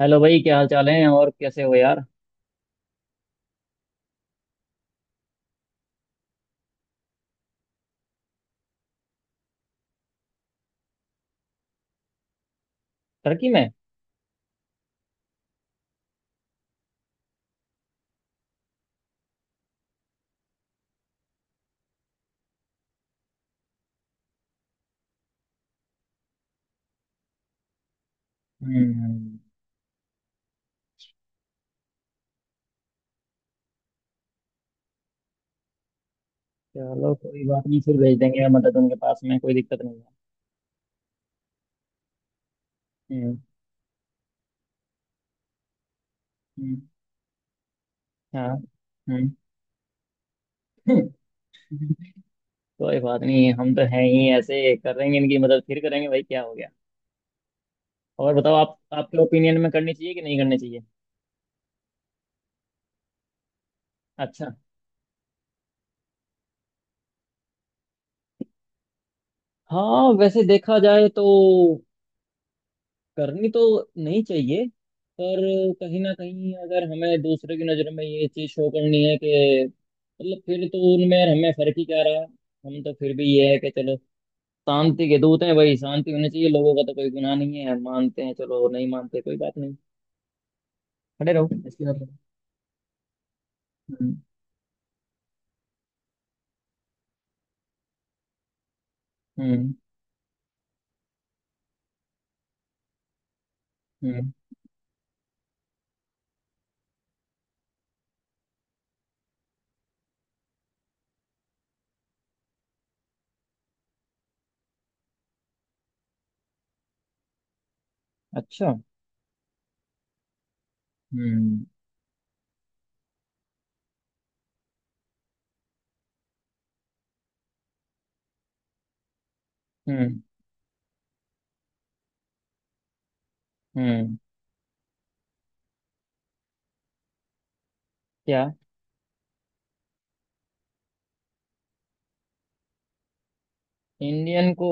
Hello भाई, क्या हाल चाल है और कैसे हो यार? टर्की में? हम्म। चलो कोई बात नहीं, फिर भेज देंगे मदद, उनके पास में कोई दिक्कत नहीं है। हम्म। हम्म, हाँ। हम्म। कोई बात नहीं, हम तो हैं ही ऐसे, करेंगे इनकी मदद, फिर करेंगे भाई, क्या हो गया। और बताओ, आप आपके ओपिनियन में करनी चाहिए कि नहीं करनी चाहिए? अच्छा। हाँ वैसे देखा जाए तो करनी तो नहीं चाहिए, पर कहीं ना कहीं अगर हमें दूसरे की नज़र में ये चीज़ शो करनी है कि, मतलब फिर तो उनमें और हमें फर्क ही क्या रहा। हम तो फिर भी ये है कि चलो, शांति के दूत हैं भाई, शांति होनी चाहिए। लोगों का तो कोई गुनाह नहीं है, मानते हैं चलो, नहीं मानते कोई बात नहीं, खड़े रहो इसके बाद। हम्म। हम्म। हम्म। अच्छा। हम्म। हम्म। हम्म। क्या? इंडियन को?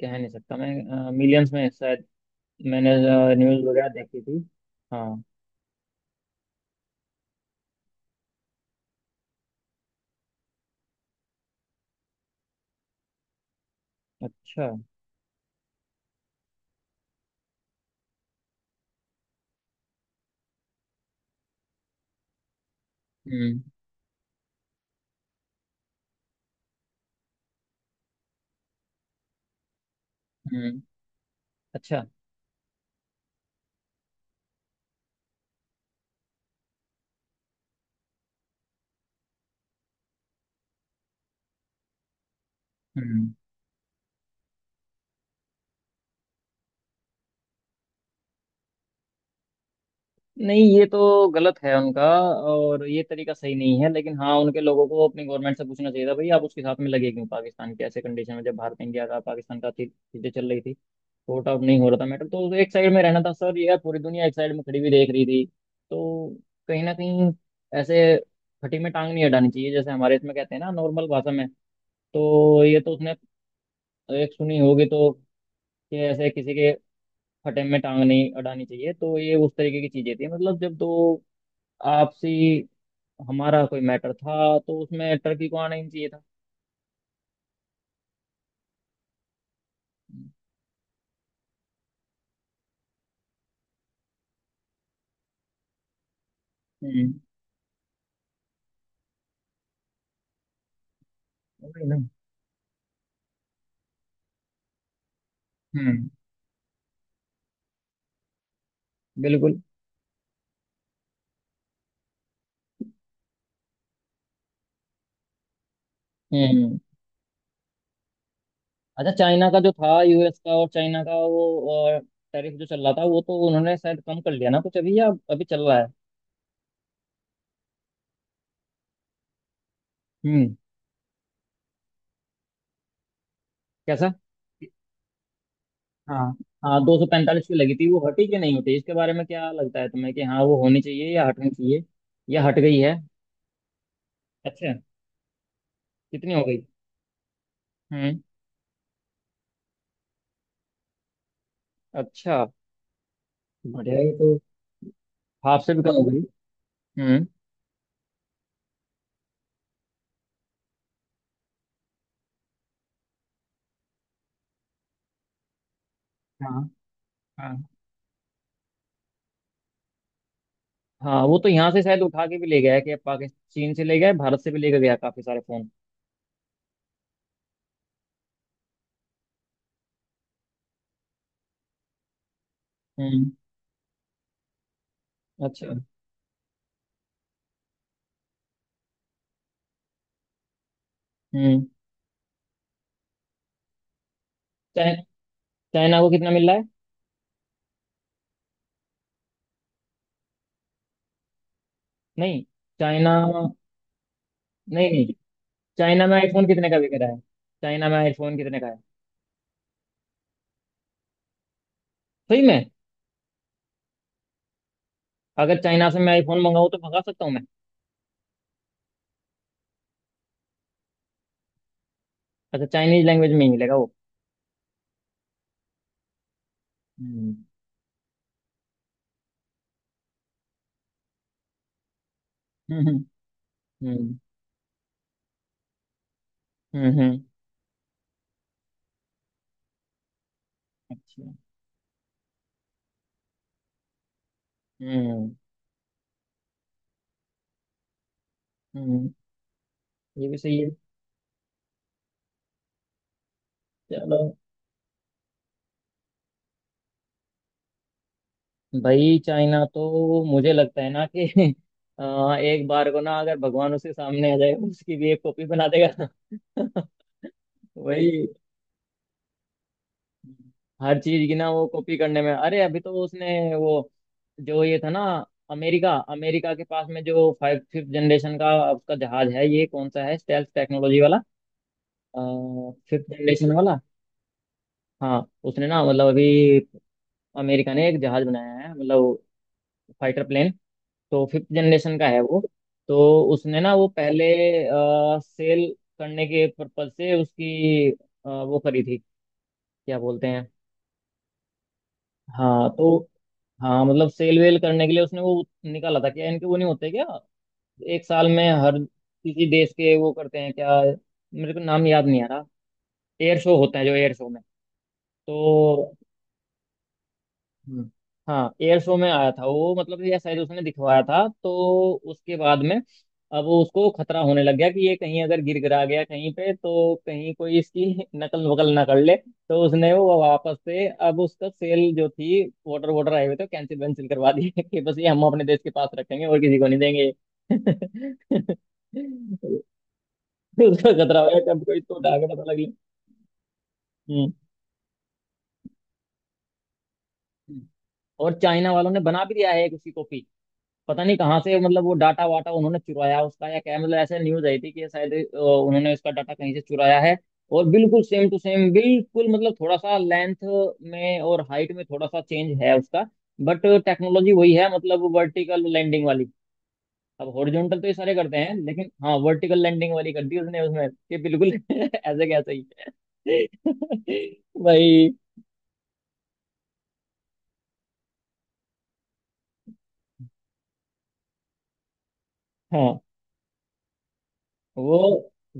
कह नहीं सकता मैं, मिलियंस में शायद। मैंने न्यूज़ वगैरह देखी थी। हाँ। अच्छा। हम्म। हम्म। अच्छा। हम्म। नहीं, ये तो गलत है उनका, और ये तरीका सही नहीं है। लेकिन हाँ, उनके लोगों को अपनी गवर्नमेंट से पूछना चाहिए था, भाई आप उसके साथ में लगे क्यों? पाकिस्तान के ऐसे कंडीशन में, जब भारत इंडिया का पाकिस्तान का चीजें चल रही थी, सॉर्ट आउट नहीं हो रहा था मैटर, तो एक साइड में रहना था। सर यार पूरी दुनिया एक साइड में खड़ी हुई देख रही थी। तो कहीं ना कहीं ऐसे खटी में टांग नहीं अड़ानी चाहिए, जैसे हमारे इसमें कहते हैं ना नॉर्मल भाषा में, तो ये तो उसने एक सुनी होगी तो, कि ऐसे किसी के फटे में टांग नहीं अड़ानी चाहिए। तो ये उस तरीके की चीजें थी, मतलब जब तो आपसी हमारा कोई मैटर था, तो उसमें टर्की को आना ही नहीं चाहिए था। हम्म। वही ना। हम्म। बिल्कुल। हम्म। अच्छा, चाइना का जो था, यूएस का और चाइना का वो, और टैरिफ जो चल रहा था, वो तो उन्होंने शायद कम कर लिया ना कुछ अभी, या अभी चल रहा है? हम्म। कैसा? हाँ। हाँ, 245 की लगी थी, वो हटी कि नहीं हटी? इसके बारे में क्या लगता है तुम्हें, कि हाँ वो होनी चाहिए या हटनी चाहिए, या हट गई है? अच्छा। कितनी हो गई? अच्छा, बढ़िया। ये तो हाफ से भी कम हो गई। हम्म। हाँ। हाँ, हाँ वो तो यहाँ से शायद उठा के भी ले गया है, कि पाकिस्तान चीन से ले गया है, भारत से भी लेकर गया काफी सारे फोन। हम्म। अच्छा। हम्म। चाइ, चाइना को कितना मिल रहा है? नहीं। चाइना नहीं। नहीं, चाइना में आईफोन कितने का बिक रहा है? चाइना में आईफोन कितने का है? सही में? अगर चाइना से मैं आईफोन मंगाऊँ तो मंगा सकता हूँ मैं? अच्छा, चाइनीज लैंग्वेज में ही मिलेगा वो? हम्म। हम्म। हम्म। हम्म। अच्छा। हम्म। हम्म। ये भी सही है। चलो। भाई चाइना तो मुझे लगता है ना कि एक बार को ना, अगर भगवान उसके सामने आ जाए उसकी भी एक कॉपी बना देगा। वही, हर चीज की ना वो कॉपी करने में। अरे अभी तो उसने वो, जो ये था ना, अमेरिका अमेरिका के पास में जो फाइव फिफ्थ जनरेशन का उसका जहाज है, ये कौन सा है, स्टेल्थ टेक्नोलॉजी वाला, फिफ्थ जनरेशन वाला। हाँ उसने ना, मतलब अभी अमेरिका ने एक जहाज बनाया है, मतलब फाइटर प्लेन, तो फिफ्थ जनरेशन का है वो। तो उसने ना वो पहले सेल करने के पर्पज से उसकी वो करी थी, क्या बोलते हैं? हाँ तो, हाँ मतलब सेल वेल करने के लिए उसने वो निकाला था। क्या इनके वो नहीं होते क्या, एक साल में हर किसी देश के वो करते हैं क्या? मेरे को नाम याद नहीं आ रहा, एयर शो होता है, जो एयर शो में तो, हम्म, हाँ एयर शो में आया था वो, मतलब या शायद उसने दिखवाया था। तो उसके बाद में अब उसको खतरा होने लग गया कि ये कहीं अगर गिरा गया कहीं पे, तो कहीं कोई इसकी नकल वकल ना कर ले, तो उसने वो वापस से अब उसका सेल जो थी, वाटर वाटर आए हुए थे, कैंसिल वैंसिल करवा दी। कि बस ये हम अपने देश के पास रखेंगे और किसी को नहीं देंगे। उसका खतरा हो गया, कब कोई तो डाक पता लगे। हम्म। और चाइना वालों ने बना भी दिया है एक उसकी कॉपी। पता नहीं कहाँ से, मतलब वो डाटा वाटा उन्होंने चुराया उसका, या क्या, मतलब ऐसे न्यूज आई थी कि शायद उन्होंने उसका डाटा कहीं से चुराया है। और बिल्कुल सेम टू सेम, बिल्कुल, मतलब थोड़ा सा लेंथ में और हाइट में थोड़ा सा चेंज है उसका, बट टेक्नोलॉजी वही है, मतलब वर्टिकल लैंडिंग वाली। अब हॉरिजॉन्टल तो ये सारे करते हैं, लेकिन हाँ वर्टिकल लैंडिंग वाली कर दी उसने उसमें, कि बिल्कुल ऐसे कैसे ही। भाई। हाँ वो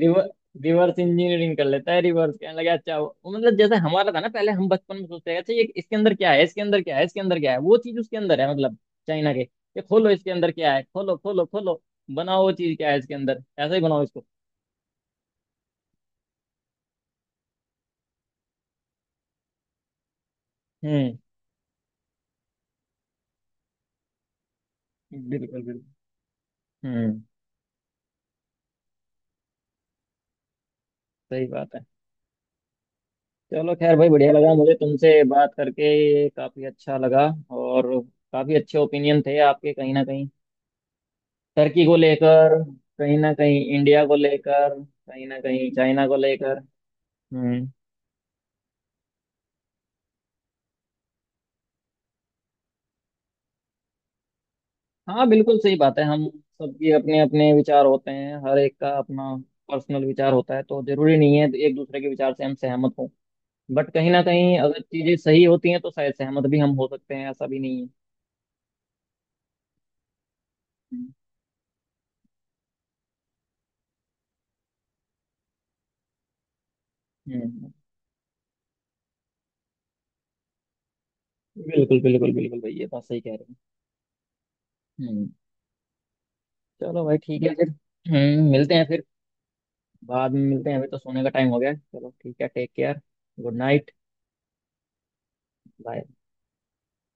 रिवर रिवर्स इंजीनियरिंग कर लेता है, रिवर्स कहने लगा। अच्छा वो मतलब जैसे हमारा था ना, पहले हम बचपन में सोचते हैं अच्छा ये इसके अंदर क्या है, इसके अंदर क्या है, इसके अंदर क्या है, वो चीज उसके अंदर है मतलब, चाइना के, ये खोलो इसके अंदर क्या है, खोलो खोलो खोलो, बनाओ वो चीज क्या है इसके अंदर, ऐसे ही बनाओ इसको। हम्म। बिल्कुल बिल्कुल। हम्म। सही बात है। चलो खैर भाई, बढ़िया लगा मुझे तुमसे बात करके, काफी अच्छा लगा। और काफी अच्छे ओपिनियन थे आपके, कहीं ना कहीं टर्की को लेकर, कहीं ना कहीं इंडिया को लेकर, कहीं ना कहीं चाइना को लेकर। हम्म। हाँ बिल्कुल सही बात है, हम सबके अपने अपने विचार होते हैं, हर एक का अपना पर्सनल विचार होता है, तो जरूरी नहीं है एक दूसरे के विचार से हम सहमत हों। बट कहीं ना कहीं अगर चीजें सही होती हैं तो शायद सहमत भी हम हो सकते हैं, ऐसा भी नहीं है। हम्म। हम्म, बिल्कुल बिल्कुल बिल्कुल भाई, ये बात सही कह रहे हो। हम्म। चलो भाई ठीक है फिर। हम्म, मिलते हैं फिर, बाद में मिलते हैं, अभी तो सोने का टाइम हो गया है। चलो ठीक है, take care, good night, bye.